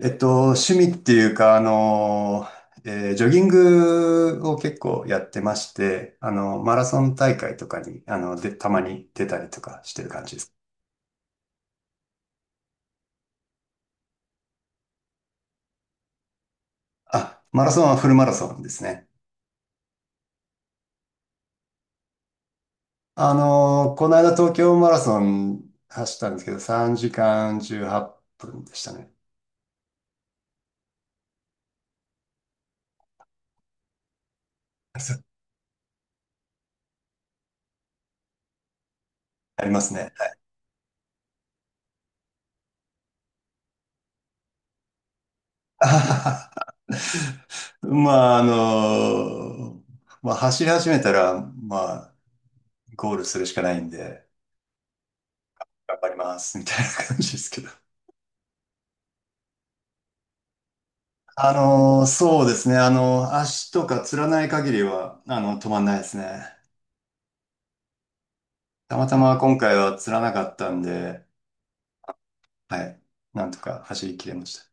趣味っていうか、ジョギングを結構やってまして、あの、マラソン大会とかに、で、たまに出たりとかしてる感じです。あ、マラソンはフルマラソンですね。あの、この間東京マラソン走ったんですけど、3時間18分でしたね。ありますね。あはは、まあ、あの、まあ、走り始めたら、まあ、ゴールするしかないんで、頑張ります、みたいな感じですけど。あのー、そうですね。あのー、足とかつらない限りは、あの、止まんないですね。たまたま今回はつらなかったんで、はい。なんとか走り切れました。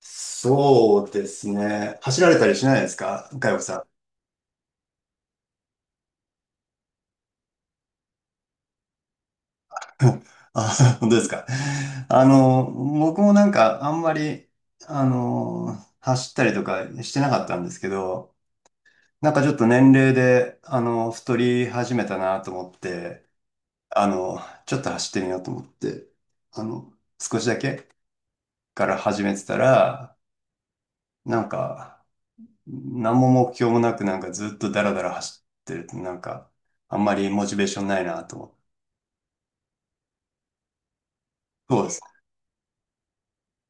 そうですね。走られたりしないですか、佳代子さん。あ、本当ですか。あの、僕もなんかあんまり、あの、走ったりとかしてなかったんですけど、なんかちょっと年齢で、あの、太り始めたなと思って、あの、ちょっと走ってみようと思って、あの、少しだけから始めてたら、なんか、何も目標もなくなんかずっとダラダラ走ってるとなんか、あんまりモチベーションないなと思って。そうです。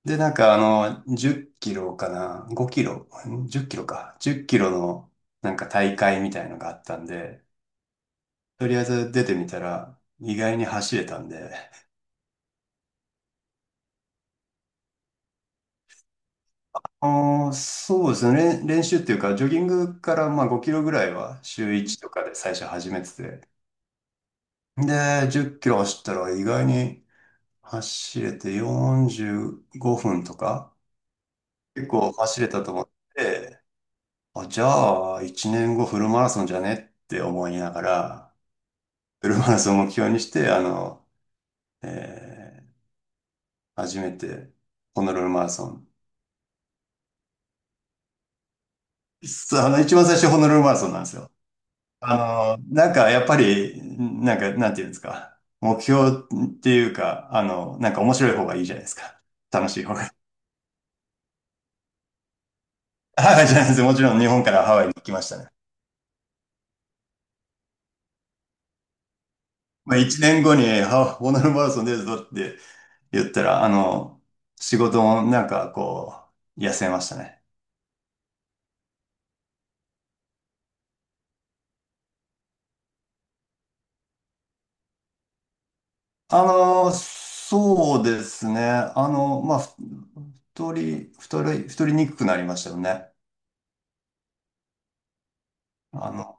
で、10キロかな、5キロ、ん、10キロか、10キロのなんか大会みたいのがあったんで、とりあえず出てみたら意外に走れたんで。ああ、そうですね。練習っていうか、ジョギングからまあ5キロぐらいは週1とかで最初始めてて。で、10キロ走ったら意外に走れて45分とか、結構走れたと思って、あ、じゃあ1年後フルマラソンじゃねって思いながら、フルマラソンを目標にして、あの、えー、初めてホノルルマラソン。そう、あの、一番最初ホノルルマラソンなんですよ。あの、なんかやっぱり、なんか、なんていうんですか。目標っていうか、あの、なんか面白い方がいいじゃないですか。楽しい方が。ハワイじゃないです。もちろん日本からハワイに来ましたね。まあ、一年後に、ハワイホノルルマラソン出るぞって言ったら、あの、仕事もなんかこう、痩せましたね。あの、そうですね。あの、まあ、ふ太り、太り、太りにくくなりましたよね。あの、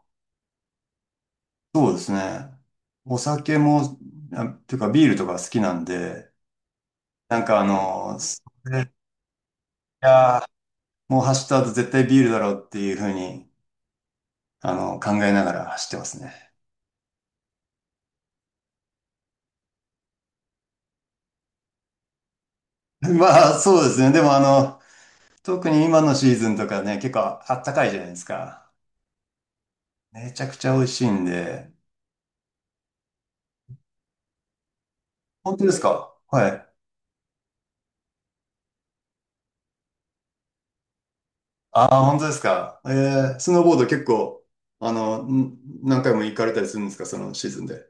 そうですね。お酒も、あ、っていうかビールとか好きなんで、なんかあの、それ、いやー、もう走った後絶対ビールだろうっていうふうに、あの、考えながら走ってますね。まあ、そうですね。でもあの、特に今のシーズンとかね、結構あったかいじゃないですか。めちゃくちゃ美味しいんで。本当ですか、はい。ああ、本当ですか。えー、スノーボード結構、あの、ん、何回も行かれたりするんですか、そのシーズンで。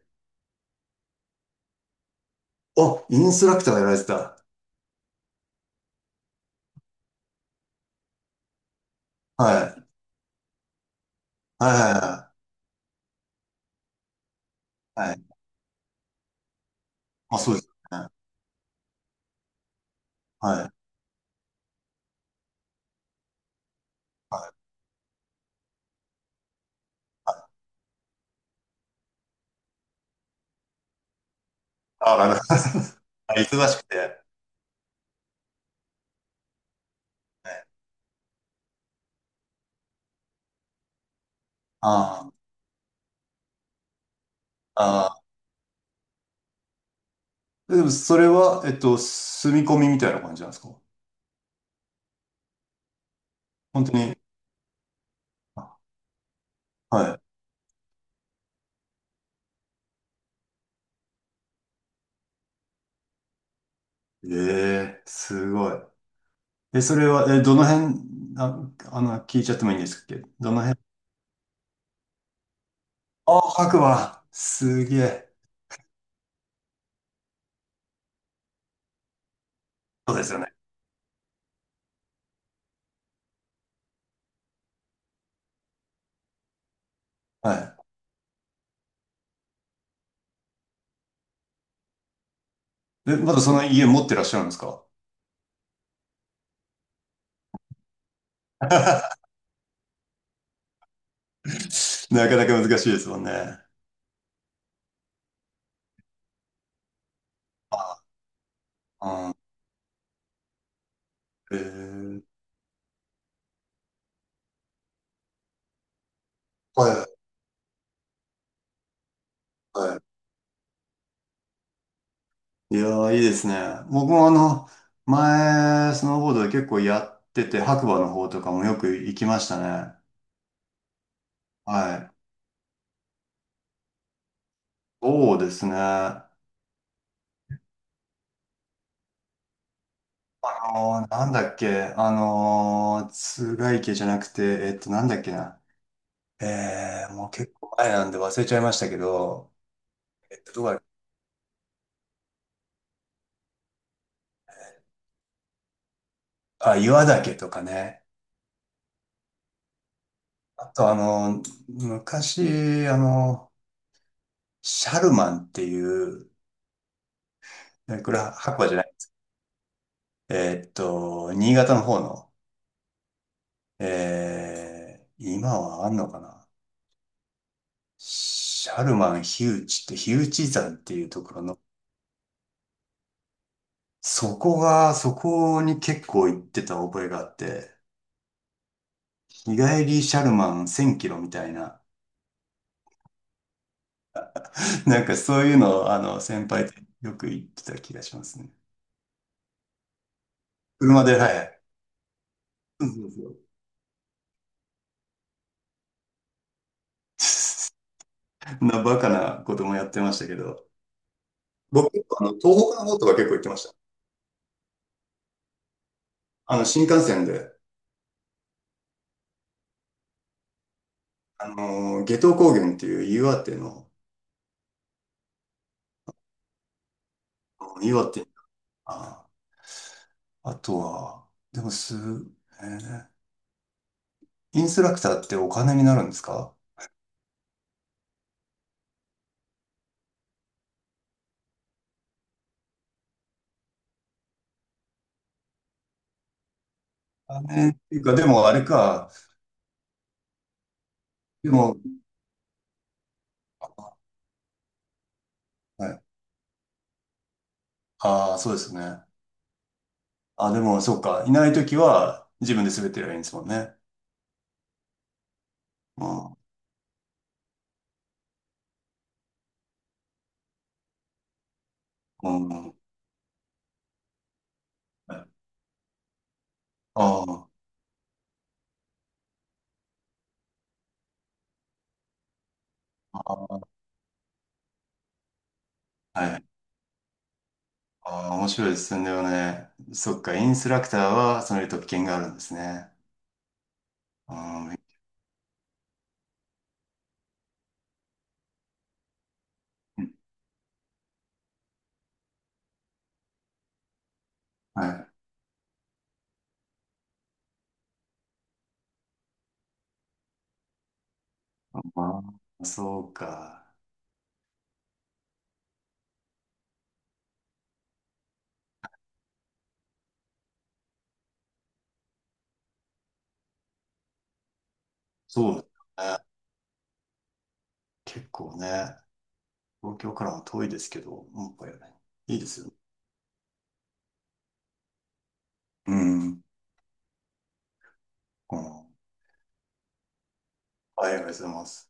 あ、インストラクターやられてた。はい。はいはいはい。はい。まあ、そうですよね。はい。ああ、なるほど。あ、忙しくて。ああ、ああ。でもそれは、えっと、住み込みみたいな感じなんですか。本当に。あ、はい。ええ、すごい。え、それは、え、どの辺、あ、あの、聞いちゃってもいいんですっけ、どの辺。ああ、白馬。すげえ。そうですよね。はい。え、まだその家持ってらっしゃるんですか。 なかなか難しいですもんね。ああ、ええ。はい、はい。いやー、いいですね。僕もあの、前、スノーボードで結構やってて、白馬の方とかもよく行きましたね。はい。そうですね。あのー、なんだっけ、あのー、津軽池じゃなくて、えっと、なんだっけな。えー、もう結構前なんで忘れちゃいましたけど、えっと、どこだっけ、あ、岩岳とかね。あと、あのー昔、あのーシャルマンっていう、えこれは白馬じゃない。えっと、新潟の方の、えー、今はあんのかな。シャルマン火打ちって火打ち山っていうところの、そこが、そこに結構行ってた覚えがあって、日帰りシャルマン1000キロみたいな、なんかそういうのを、あの、先輩とよく行ってた気がしますね。車で、はい。そうそうそう。な、バカなこともやってましたけど、僕結構あの、東北の方とか結構行ってました。あの、新幹線で、あの、夏油高原っていう岩手の、岩手、ああ、とは、でもす、えー、インストラクターってお金になるんですか。あね、っていうか、でもあれか。でも、はい。ああ、そうですね。あ、でも、そうか。いないときは自分で滑ってりゃいいんですもんね。うん。うん。はい、ああ、はい。ああ、面白いですね。でもね、そっか、インストラクターはその特権があるんですね。うん。はい。まあ、そうか。そう、結構ね。東京からは遠いですけど、モンぱルね。いいですよ。うん。うん。はい、ありがとうございます。